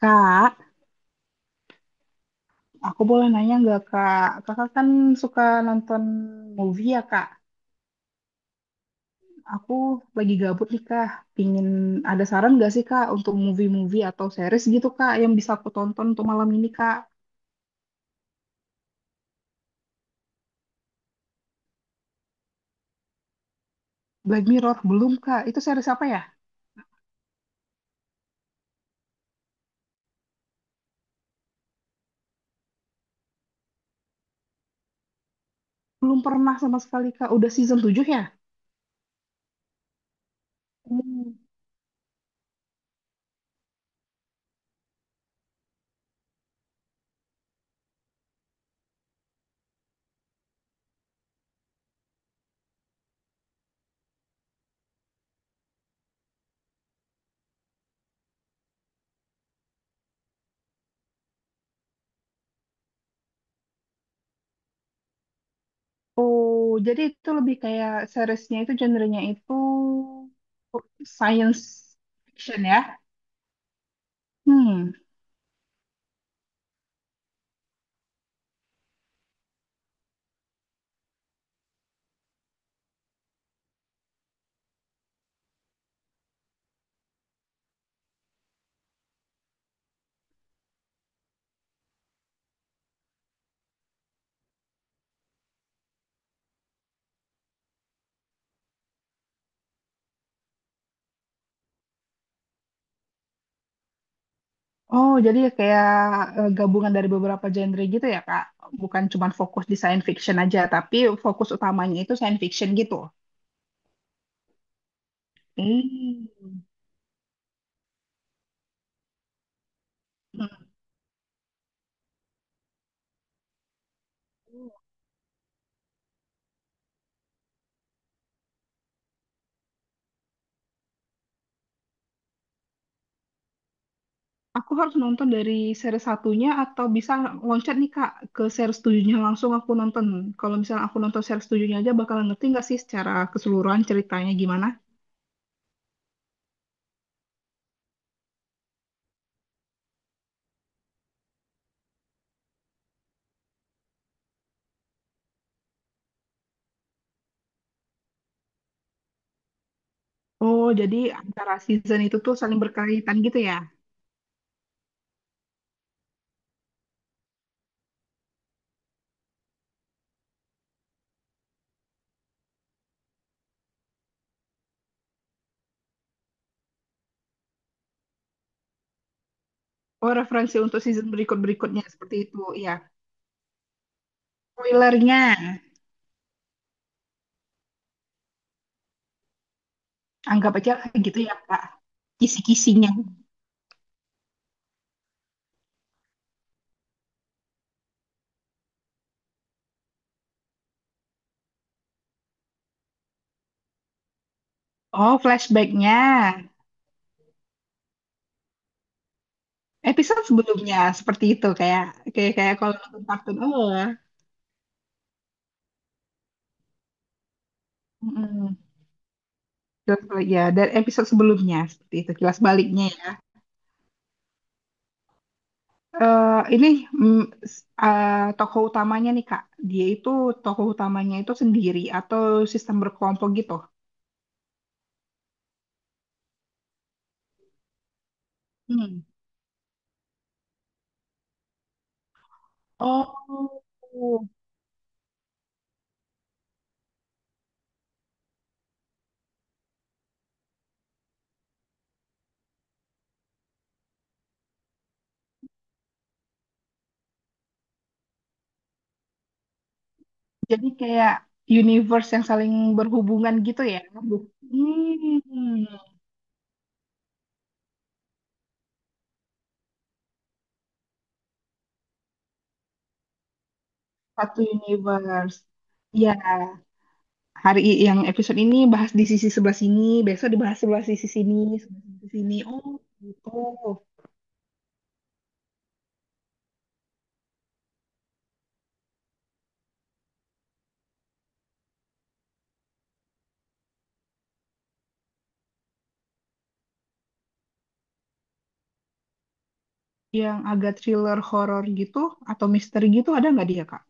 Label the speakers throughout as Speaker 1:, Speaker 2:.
Speaker 1: Kak, aku boleh nanya nggak Kak? Kakak kan suka nonton movie ya Kak? Aku lagi gabut nih Kak. Pingin ada saran nggak sih Kak untuk movie-movie atau series gitu Kak yang bisa aku tonton untuk malam ini Kak? Black Mirror belum Kak. Itu series apa ya? Belum pernah sama sekali Kak. Udah season tujuh ya? Oh, jadi itu lebih kayak seriesnya itu genrenya itu science fiction ya? Hmm. Oh, jadi kayak gabungan dari beberapa genre gitu ya, Kak? Bukan cuma fokus di science fiction aja, tapi fokus utamanya itu science fiction gitu. Hmm. Hmm. Aku harus nonton dari series satunya atau bisa loncat nih, Kak, ke series tujuhnya langsung aku nonton. Kalau misalnya aku nonton series tujuhnya aja, bakal ngerti nggak sih secara keseluruhan ceritanya gimana? Oh, jadi antara season itu tuh saling berkaitan gitu ya? Oh, referensi untuk season berikut-berikutnya seperti itu, ya. Spoilernya. Anggap aja gitu ya, Kak. Kisi-kisinya. Oh, flashbacknya. Episode sebelumnya seperti itu kayak kayak kayak kalau nonton kartun oh ya. Mm-mm. Kilas ya dari episode sebelumnya seperti itu kilas baliknya ya. Eh, ini mm, s- eh, tokoh utamanya nih Kak. Dia itu tokoh utamanya itu sendiri atau sistem berkelompok gitu. Hmm. Oh, jadi kayak universe yang saling berhubungan gitu ya. Bu- Hmm. Satu universe. Ya, yang episode ini bahas di sisi sebelah sini, besok dibahas sebelah sisi sini, sebelah sisi sini. Oh, gitu. Yang agak thriller horor gitu atau misteri gitu ada nggak dia, Kak?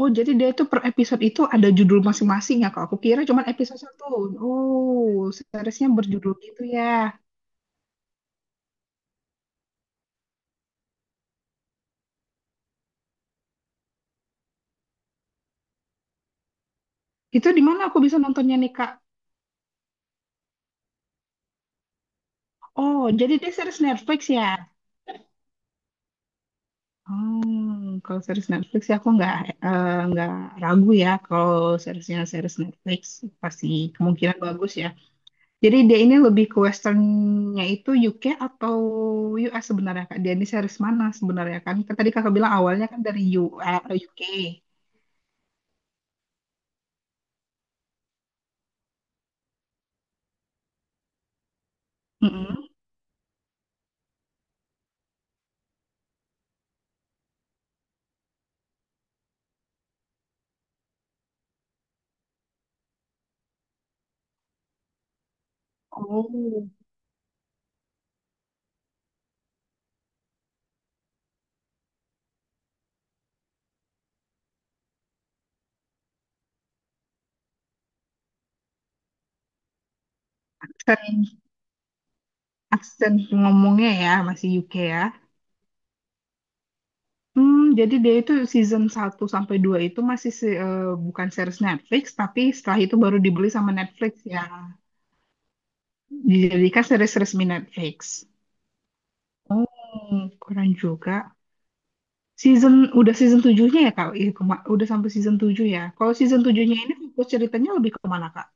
Speaker 1: Oh, jadi dia itu per episode itu ada judul masing-masing ya, Kak. Aku kira cuma episode satu. Oh, seriesnya berjudul gitu ya. Itu di mana aku bisa nontonnya nih, Kak? Oh, jadi dia series Netflix ya? Oh, kalau series Netflix ya aku nggak ragu ya kalau seriesnya series Netflix pasti kemungkinan bagus ya. Jadi dia ini lebih ke westernnya itu UK atau US sebenarnya Kak? Dia ini series mana sebenarnya kan? Kan tadi kakak bilang awalnya kan dari UK. Mm-mm. Oh, aksen, aksen ngomongnya ya masih UK ya. Hmm, jadi dia itu season satu sampai 2 itu masih bukan series Netflix, tapi setelah itu baru dibeli sama Netflix ya. Dijadikan series resmi Netflix. Oh, kurang juga. Season udah season 7-nya ya Kak? Iya, udah sampai season 7 ya. Kalau season 7-nya ini fokus ceritanya lebih ke mana Kak?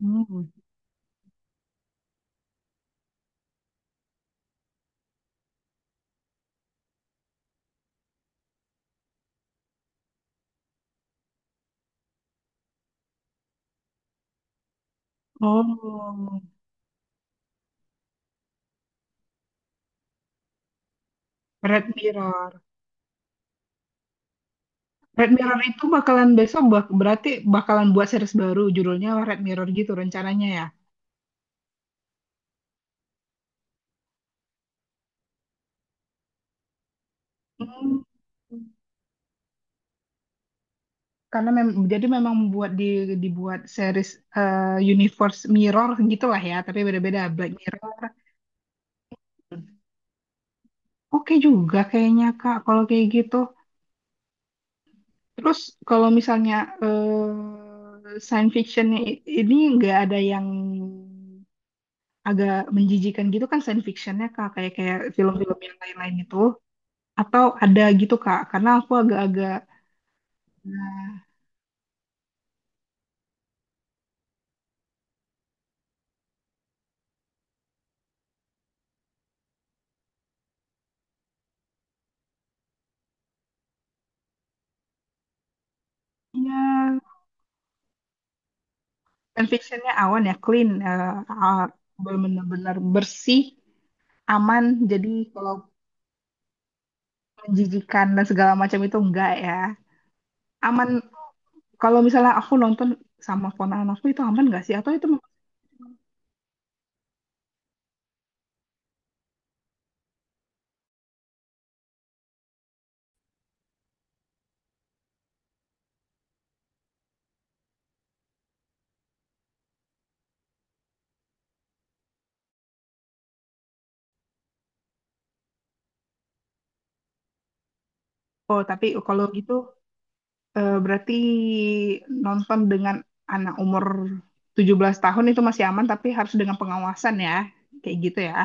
Speaker 1: Hmm. Oh, Red Mirror. Red Mirror itu bakalan besok berarti bakalan buat series baru judulnya Red Mirror gitu rencananya ya. Hmm. Karena jadi memang buat dibuat series universe mirror gitulah ya, tapi beda-beda Black Mirror. Oke juga kayaknya Kak kalau kayak gitu. Terus kalau misalnya science fictionnya ini nggak ada yang agak menjijikan gitu kan science fictionnya Kak kayak kayak film-film yang lain-lain itu atau ada gitu Kak karena aku agak-agak nah, ya, science fictionnya awan ya clean benar-benar bersih aman, jadi kalau menjijikan dan segala macam itu enggak ya, aman. Kalau misalnya aku nonton sama ponakan aku itu aman nggak sih? Atau itu. Oh, tapi kalau gitu berarti nonton dengan anak umur 17 tahun itu masih aman tapi harus dengan pengawasan ya. Kayak gitu ya.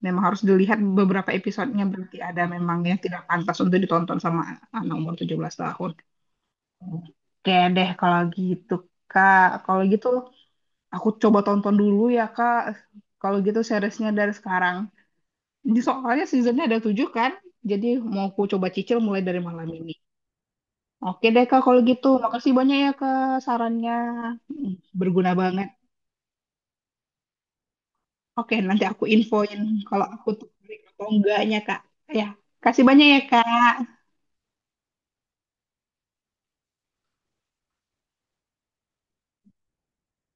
Speaker 1: Memang harus dilihat beberapa episodenya, berarti ada memang yang tidak pantas untuk ditonton sama anak umur 17 tahun. Oke deh kalau gitu Kak. Kalau gitu aku coba tonton dulu ya Kak. Kalau gitu seriesnya dari sekarang. Ini soalnya seasonnya ada tujuh kan, jadi mau ku coba cicil mulai dari malam ini. Oke deh Kak kalau gitu, makasih banyak ya Kak sarannya. Hmm. Berguna banget. Oke nanti aku infoin kalau aku tertarik atau enggaknya Kak. Ya, kasih banyak ya Kak.